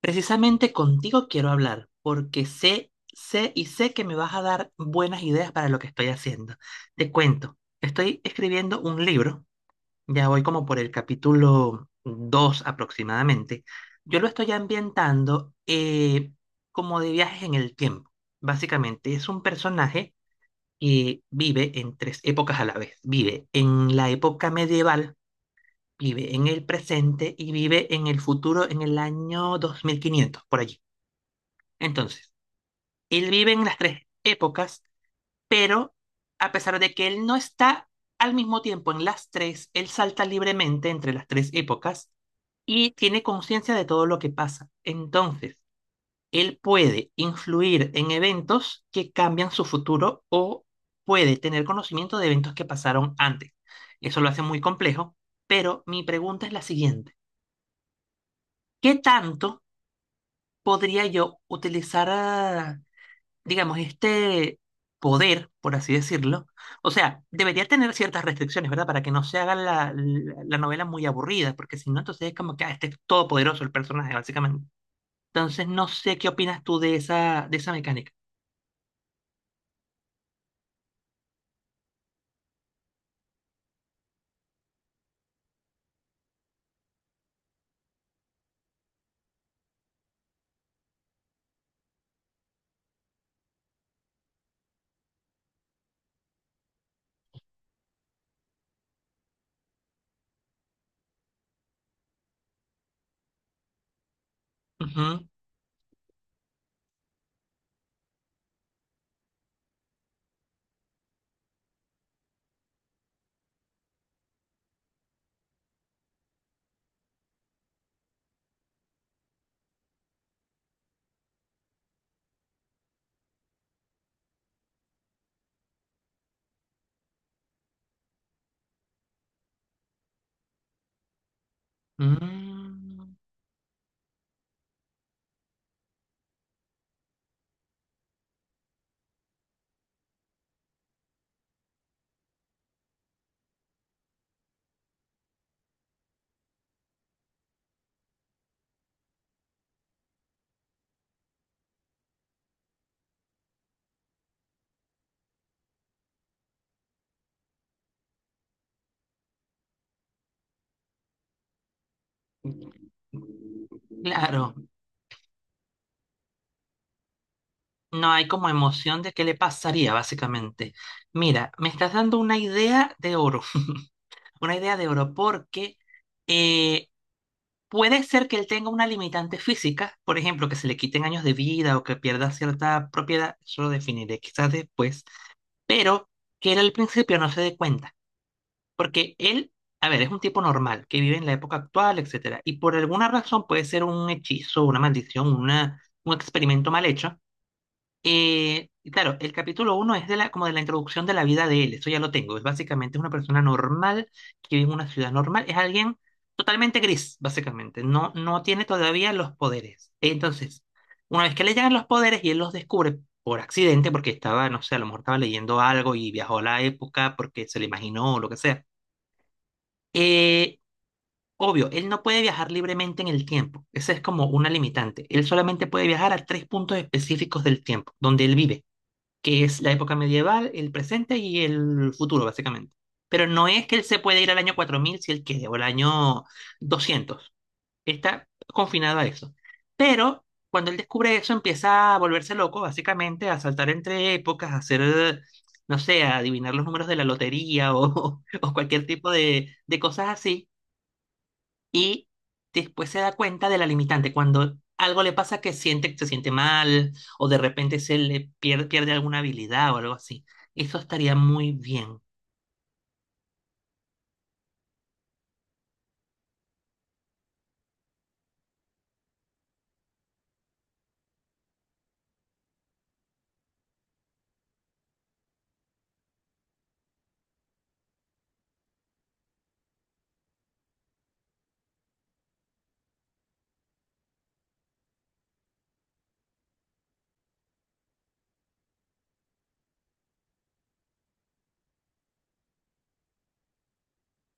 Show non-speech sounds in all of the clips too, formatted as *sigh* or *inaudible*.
Precisamente contigo quiero hablar, porque sé, sé y sé que me vas a dar buenas ideas para lo que estoy haciendo. Te cuento, estoy escribiendo un libro, ya voy como por el capítulo 2 aproximadamente. Yo lo estoy ambientando como de viajes en el tiempo. Básicamente es un personaje que vive en tres épocas a la vez. Vive en la época medieval, vive en el presente y vive en el futuro en el año 2500 por allí. Entonces, él vive en las tres épocas, pero a pesar de que él no está al mismo tiempo en las tres, él salta libremente entre las tres épocas y tiene conciencia de todo lo que pasa. Entonces, él puede influir en eventos que cambian su futuro o puede tener conocimiento de eventos que pasaron antes. Eso lo hace muy complejo, pero mi pregunta es la siguiente. ¿Qué tanto podría yo utilizar digamos, este poder, por así decirlo? O sea, ¿debería tener ciertas restricciones, ¿verdad? Para que no se haga la novela muy aburrida, porque si no, entonces es como que este es todopoderoso el personaje, básicamente. Entonces, no sé qué opinas tú de esa mecánica. Ujú. Mm, claro, no hay como emoción de qué le pasaría, básicamente. Mira, me estás dando una idea de oro, *laughs* una idea de oro, porque... eh, puede ser que él tenga una limitante física, por ejemplo, que se le quiten años de vida o que pierda cierta propiedad, eso lo definiré quizás después, pero que él al principio no se dé cuenta, porque él, a ver, es un tipo normal, que vive en la época actual, etcétera, y por alguna razón puede ser un hechizo, una maldición, un experimento mal hecho, y claro, el capítulo uno es como de la introducción de la vida de él, eso ya lo tengo. Es básicamente una persona normal que vive en una ciudad normal, es alguien totalmente gris, básicamente. No, no tiene todavía los poderes. Entonces, una vez que le llegan los poderes y él los descubre por accidente, porque estaba, no sé, a lo mejor estaba leyendo algo y viajó a la época porque se le imaginó o lo que sea. Eh, obvio, él no puede viajar libremente en el tiempo. Esa es como una limitante. Él solamente puede viajar a tres puntos específicos del tiempo, donde él vive, que es la época medieval, el presente y el futuro, básicamente. Pero no es que él se puede ir al año 4000 si él quiere, o al año 200. Está confinado a eso. Pero cuando él descubre eso, empieza a volverse loco, básicamente, a saltar entre épocas, a hacer, no sé, a adivinar los números de la lotería o, *laughs* o cualquier tipo de cosas así y después se da cuenta de la limitante. Cuando algo le pasa que siente, se siente mal o de repente se le pierde alguna habilidad o algo así. Eso estaría muy bien.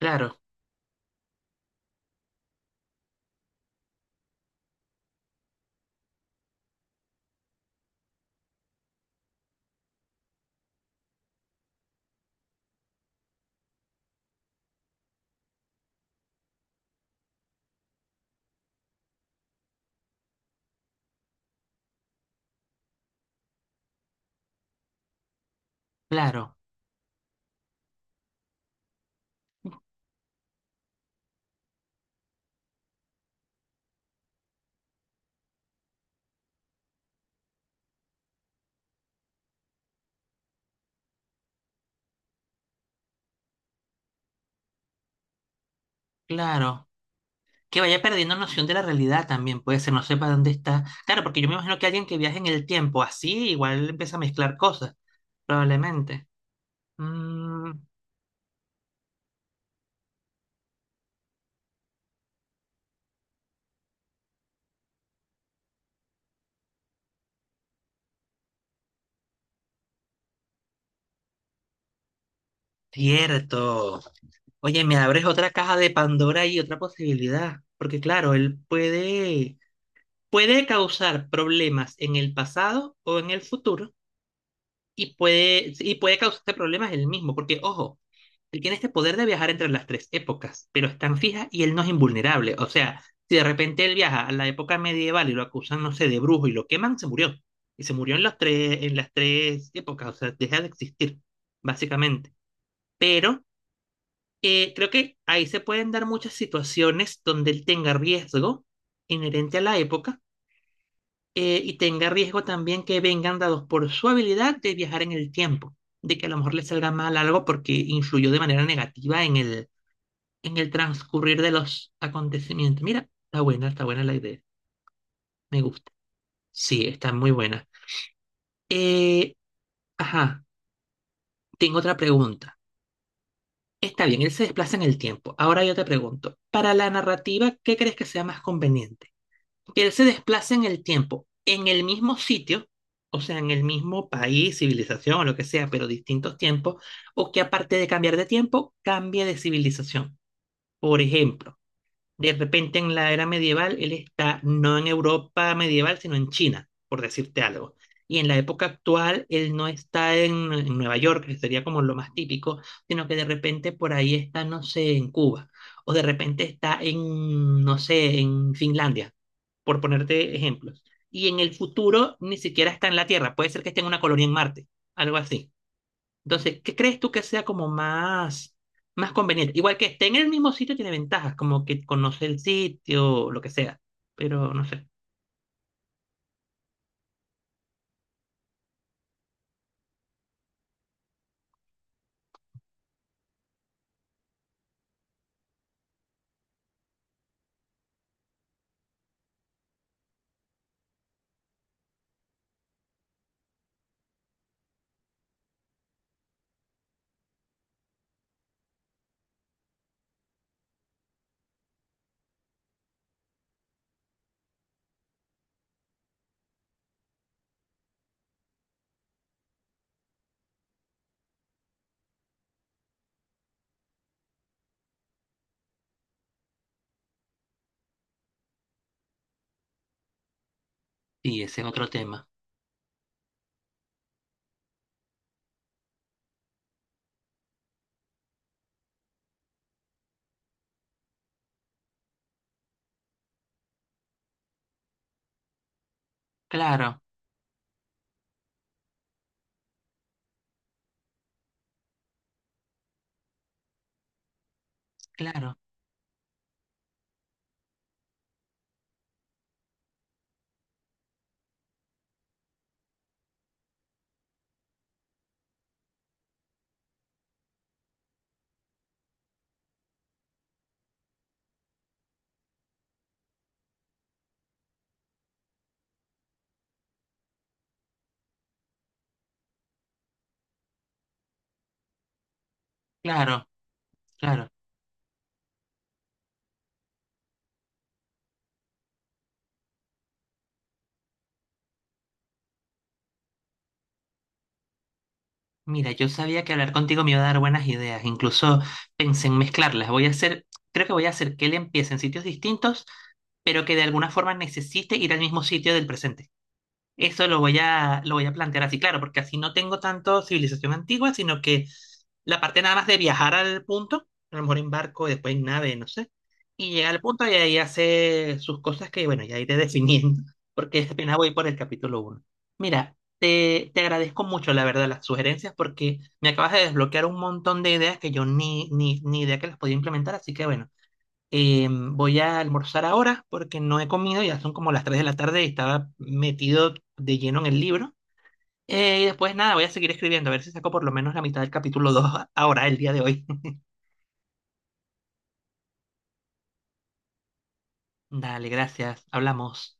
Claro, claro, claro. Que vaya perdiendo noción de la realidad también puede ser, no sepa dónde está. Claro, porque yo me imagino que alguien que viaje en el tiempo así igual empieza a mezclar cosas, probablemente. Mm, cierto. Oye, me abres otra caja de Pandora y otra posibilidad, porque claro, él puede causar problemas en el pasado o en el futuro y puede causarte problemas él mismo, porque ojo, él tiene este poder de viajar entre las tres épocas, pero es tan fija y él no es invulnerable. O sea, si de repente él viaja a la época medieval y lo acusan, no sé, de brujo y lo queman, se murió. Y se murió en las tres épocas, o sea, deja de existir, básicamente. Pero creo que ahí se pueden dar muchas situaciones donde él tenga riesgo inherente a la época, y tenga riesgo también que vengan dados por su habilidad de viajar en el tiempo, de que a lo mejor le salga mal algo porque influyó de manera negativa en el transcurrir de los acontecimientos. Mira, está buena la idea, me gusta. Sí, está muy buena. Eh, ajá, tengo otra pregunta. Está bien, él se desplaza en el tiempo. Ahora yo te pregunto, para la narrativa, ¿qué crees que sea más conveniente? ¿Que él se desplaza en el tiempo, en el mismo sitio, o sea, en el mismo país, civilización o lo que sea, pero distintos tiempos, o que aparte de cambiar de tiempo, cambie de civilización? Por ejemplo, de repente en la era medieval, él está no en Europa medieval, sino en China, por decirte algo. Y en la época actual, él no está en Nueva York, que sería como lo más típico, sino que de repente por ahí está, no sé, en Cuba. O de repente está en, no sé, en Finlandia, por ponerte ejemplos. Y en el futuro ni siquiera está en la Tierra, puede ser que esté en una colonia en Marte, algo así. Entonces, ¿qué crees tú que sea como más, más conveniente? Igual que esté en el mismo sitio tiene ventajas, como que conoce el sitio, lo que sea. Pero no sé. Sí, ese es otro tema. Claro, claro, claro, claro. Mira, yo sabía que hablar contigo me iba a dar buenas ideas. Incluso pensé en mezclarlas. Voy a hacer, creo que voy a hacer que él empiece en sitios distintos, pero que de alguna forma necesite ir al mismo sitio del presente. Eso lo voy a plantear así, claro, porque así no tengo tanto civilización antigua, sino que la parte nada más de viajar al punto, a lo mejor en barco, después en nave, no sé, y llegar al punto y ahí hace sus cosas que, bueno, ya iré *laughs* definiendo, porque apenas voy por el capítulo uno. Mira, te agradezco mucho, la verdad, las sugerencias, porque me acabas de desbloquear un montón de ideas que yo ni idea que las podía implementar, así que, bueno, voy a almorzar ahora porque no he comido, ya son como las 3 de la tarde y estaba metido de lleno en el libro. Y después nada, voy a seguir escribiendo, a ver si saco por lo menos la mitad del capítulo 2 ahora, el día de hoy. *laughs* Dale, gracias, hablamos.